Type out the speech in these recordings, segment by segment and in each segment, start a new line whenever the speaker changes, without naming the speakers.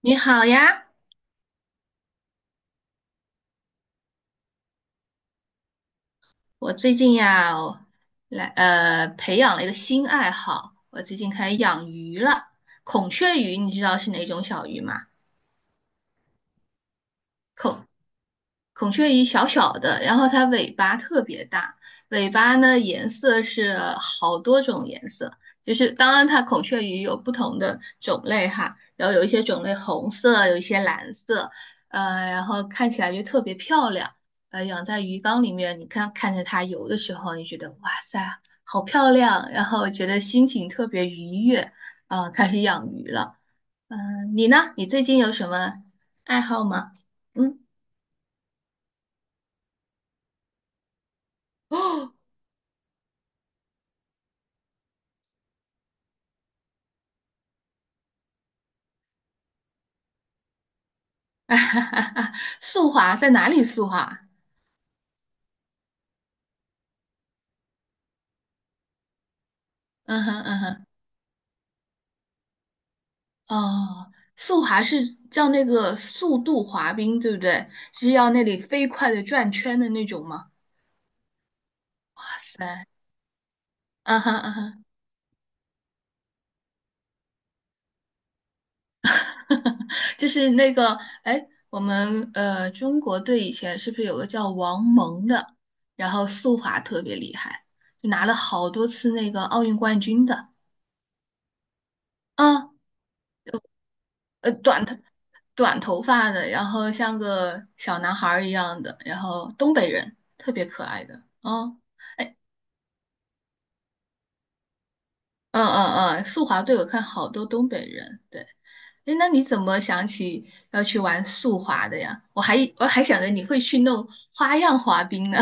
你好呀，我最近呀，我来培养了一个新爱好，我最近开始养鱼了。孔雀鱼你知道是哪种小鱼吗？孔孔雀鱼小小的，然后它尾巴特别大，尾巴呢颜色是好多种颜色，就是当然它孔雀鱼有不同的种类哈，然后有一些种类红色，有一些蓝色，然后看起来就特别漂亮，养在鱼缸里面，你看看着它游的时候，你觉得哇塞，好漂亮，然后觉得心情特别愉悦，啊、开始养鱼了，嗯、你呢？你最近有什么爱好吗？嗯。哦。速滑在哪里速滑？嗯哼嗯哼，哦，速滑是叫那个速度滑冰，对不对？是要那里飞快的转圈的那种吗？哇塞，嗯哼嗯哼，就是那个，哎，我们中国队以前是不是有个叫王蒙的，然后速滑特别厉害，就拿了好多次那个奥运冠军的。啊，短的。短头发的，然后像个小男孩儿一样的，然后东北人，特别可爱的。哦，哎，嗯嗯嗯，速滑队我看好多东北人。对，哎，那你怎么想起要去玩速滑的呀？我还想着你会去弄花样滑冰呢，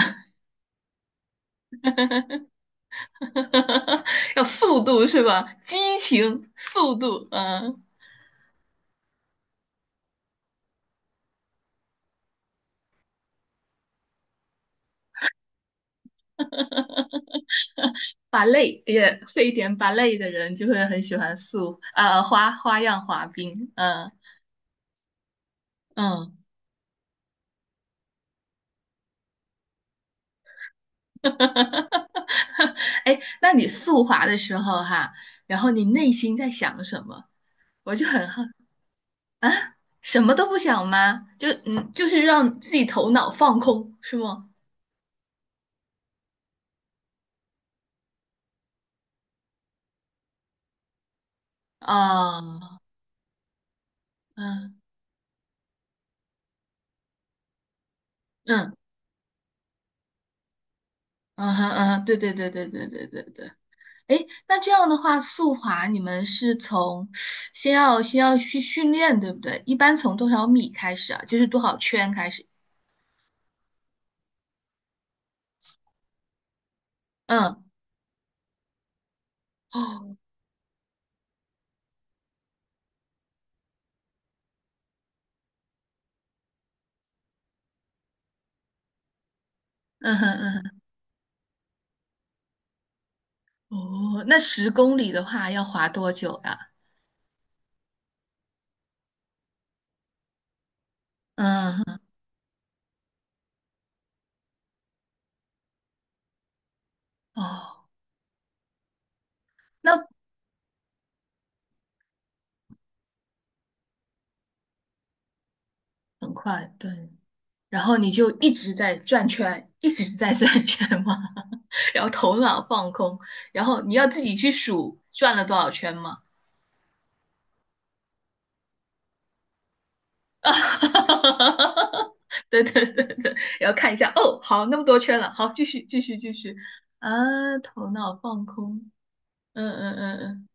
要速度是吧？激情、速度，嗯，芭蕾也会一点芭蕾的人就会很喜欢花样滑冰，嗯。嗯 哈哈哈！哈哎，那你速滑的时候哈，然后你内心在想什么？我就很好啊，什么都不想吗？就嗯，就是让自己头脑放空，是吗？啊，嗯嗯嗯哼嗯哼，对对对对对对对对。哎，那这样的话，速滑你们是从先要去训练，对不对？一般从多少米开始啊？就是多少圈开始？嗯，哦，嗯哼嗯哼。哦，那10公里的话要滑多久呀？嗯，哦，那很快，对。然后你就一直在转圈，一直在转圈吗？然后头脑放空，然后你要自己去数转了多少圈吗？啊，对对对对，然后看一下，哦，好，那么多圈了，好，继续继续继续，啊，头脑放空，嗯嗯嗯嗯。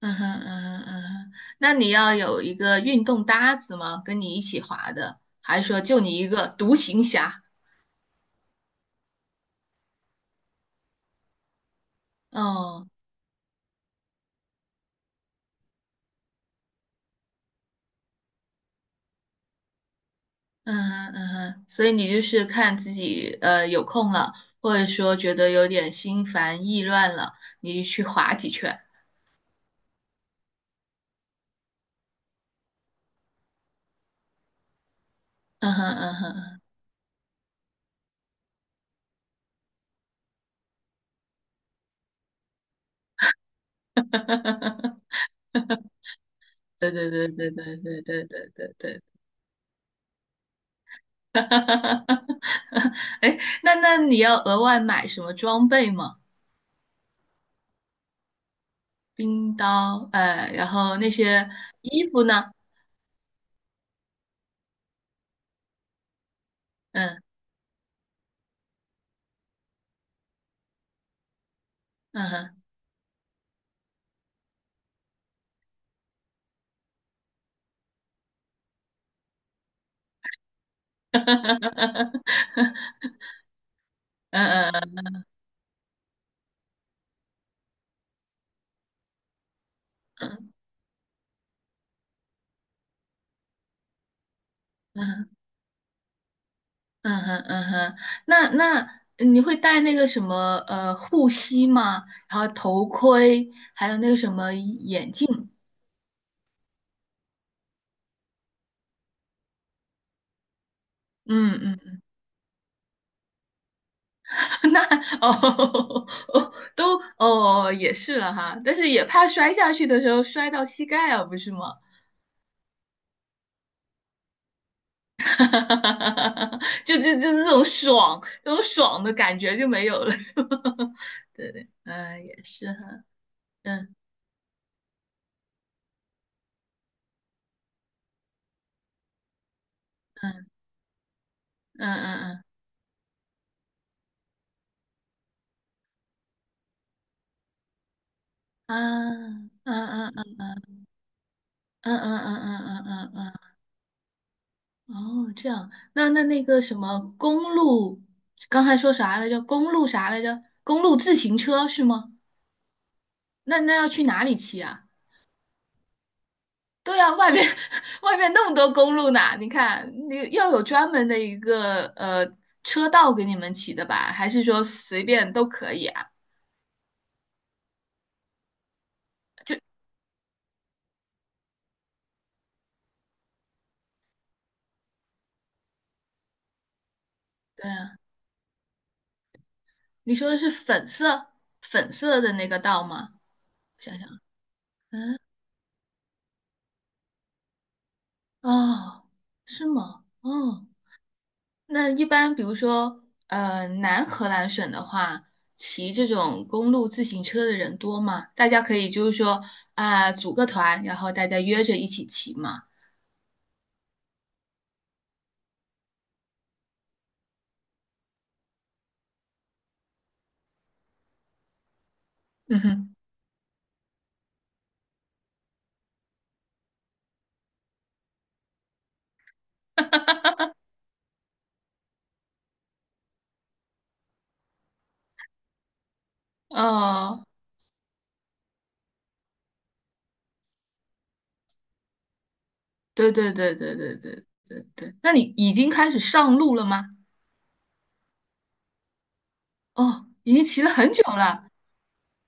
嗯哼嗯哼嗯哼，那你要有一个运动搭子吗？跟你一起滑的，还是说就你一个独行侠？哦，嗯哼嗯哼，所以你就是看自己有空了，或者说觉得有点心烦意乱了，你就去滑几圈。嗯哼嗯哼，对对对对对对对对对对。哎，那你要额外买什么装备吗？冰刀，然后那些衣服呢？嗯嗯哼，嗯嗯嗯嗯嗯哼嗯哼，那你会戴那个什么护膝吗？然后头盔，还有那个什么眼镜？嗯嗯，那哦 哦都哦也是了哈，但是也怕摔下去的时候摔到膝盖啊，不是吗？哈，就是这种爽，这种爽的感觉就没有了，是吧？对对，嗯，也是哈，嗯嗯嗯嗯嗯啊，嗯嗯嗯嗯嗯嗯嗯嗯嗯嗯，嗯哦，这样，那个什么公路，刚才说啥来着？公路啥来着？公路自行车是吗？那要去哪里骑啊？对啊，外面 外面那么多公路呢，你看，你要有专门的一个车道给你们骑的吧？还是说随便都可以啊？对啊，你说的是粉色的那个道吗？想想啊，是吗？哦，那一般比如说南荷兰省的话，骑这种公路自行车的人多吗？大家可以就是说啊、组个团，然后大家约着一起骑嘛。嗯哼，哦。对对对对对对对对，那你已经开始上路了吗？哦，已经骑了很久了，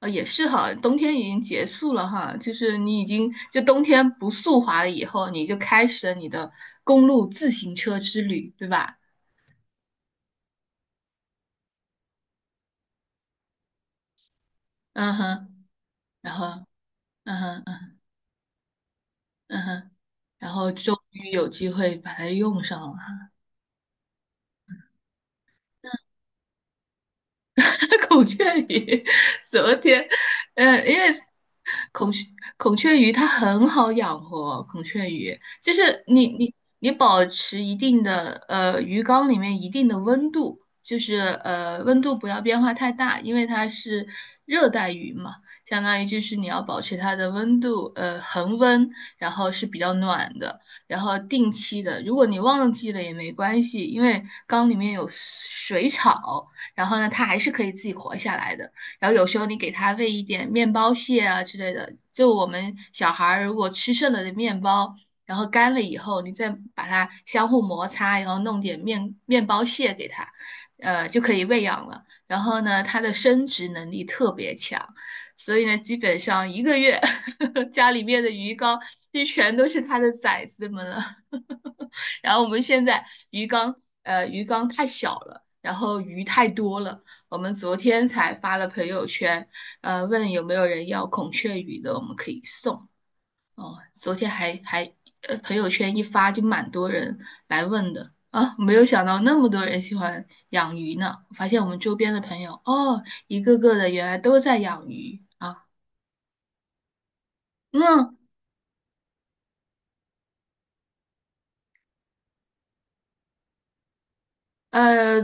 哦，也是哈，冬天已经结束了哈，就是你已经就冬天不速滑了以后，你就开始了你的公路自行车之旅，对吧？嗯哼，然后嗯哼嗯哼嗯哼，然后终于有机会把它用上了。孔雀鱼，昨天，嗯，因为孔雀孔雀鱼它很好养活，孔雀鱼就是你保持一定的鱼缸里面一定的温度，就是温度不要变化太大，因为它是热带鱼嘛，相当于就是你要保持它的温度恒温，然后是比较暖的，然后定期的，如果你忘记了也没关系，因为缸里面有水草。然后呢，它还是可以自己活下来的。然后有时候你给它喂一点面包屑啊之类的，就我们小孩儿如果吃剩了的面包，然后干了以后，你再把它相互摩擦，然后弄点面包屑给它，就可以喂养了。然后呢，它的生殖能力特别强，所以呢，基本上一个月 家里面的鱼缸就全都是它的崽子们了。然后我们现在鱼缸，鱼缸太小了。然后鱼太多了，我们昨天才发了朋友圈，问有没有人要孔雀鱼的，我们可以送哦。昨天还还呃，朋友圈一发就蛮多人来问的啊，没有想到那么多人喜欢养鱼呢。我发现我们周边的朋友哦，一个个的原来都在养鱼啊。嗯，呃，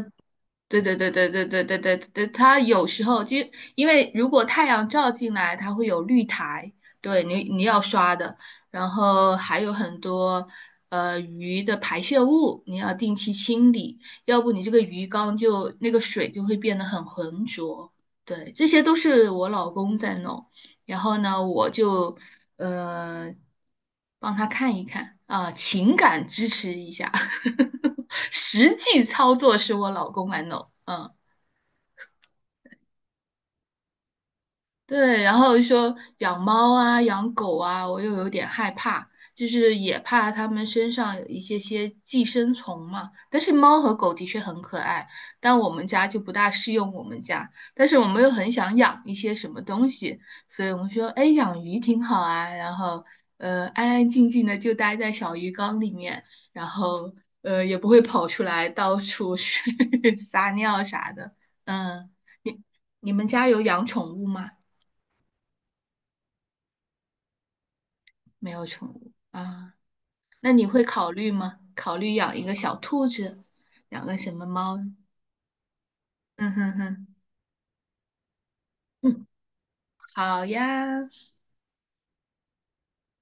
对对对对对对对对对，它有时候就因为如果太阳照进来，它会有绿苔，对你你要刷的，然后还有很多鱼的排泄物，你要定期清理，要不你这个鱼缸就那个水就会变得很浑浊。对，这些都是我老公在弄，然后呢，我就呃帮他看一看啊、情感支持一下，实际操作是我老公来弄，嗯。对，然后说养猫啊、养狗啊，我又有点害怕，就是也怕它们身上有一些些寄生虫嘛。但是猫和狗的确很可爱，但我们家就不大适用我们家。但是我们又很想养一些什么东西，所以我们说，哎，养鱼挺好啊。然后，安安静静的就待在小鱼缸里面，然后，也不会跑出来到处去 撒尿啥的。嗯，你你们家有养宠物吗？没有宠物啊，那你会考虑吗？考虑养一个小兔子，养个什么猫？嗯哼哼，嗯，好呀，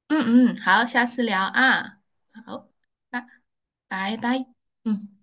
嗯嗯，好，下次聊啊，好，拜拜拜，嗯。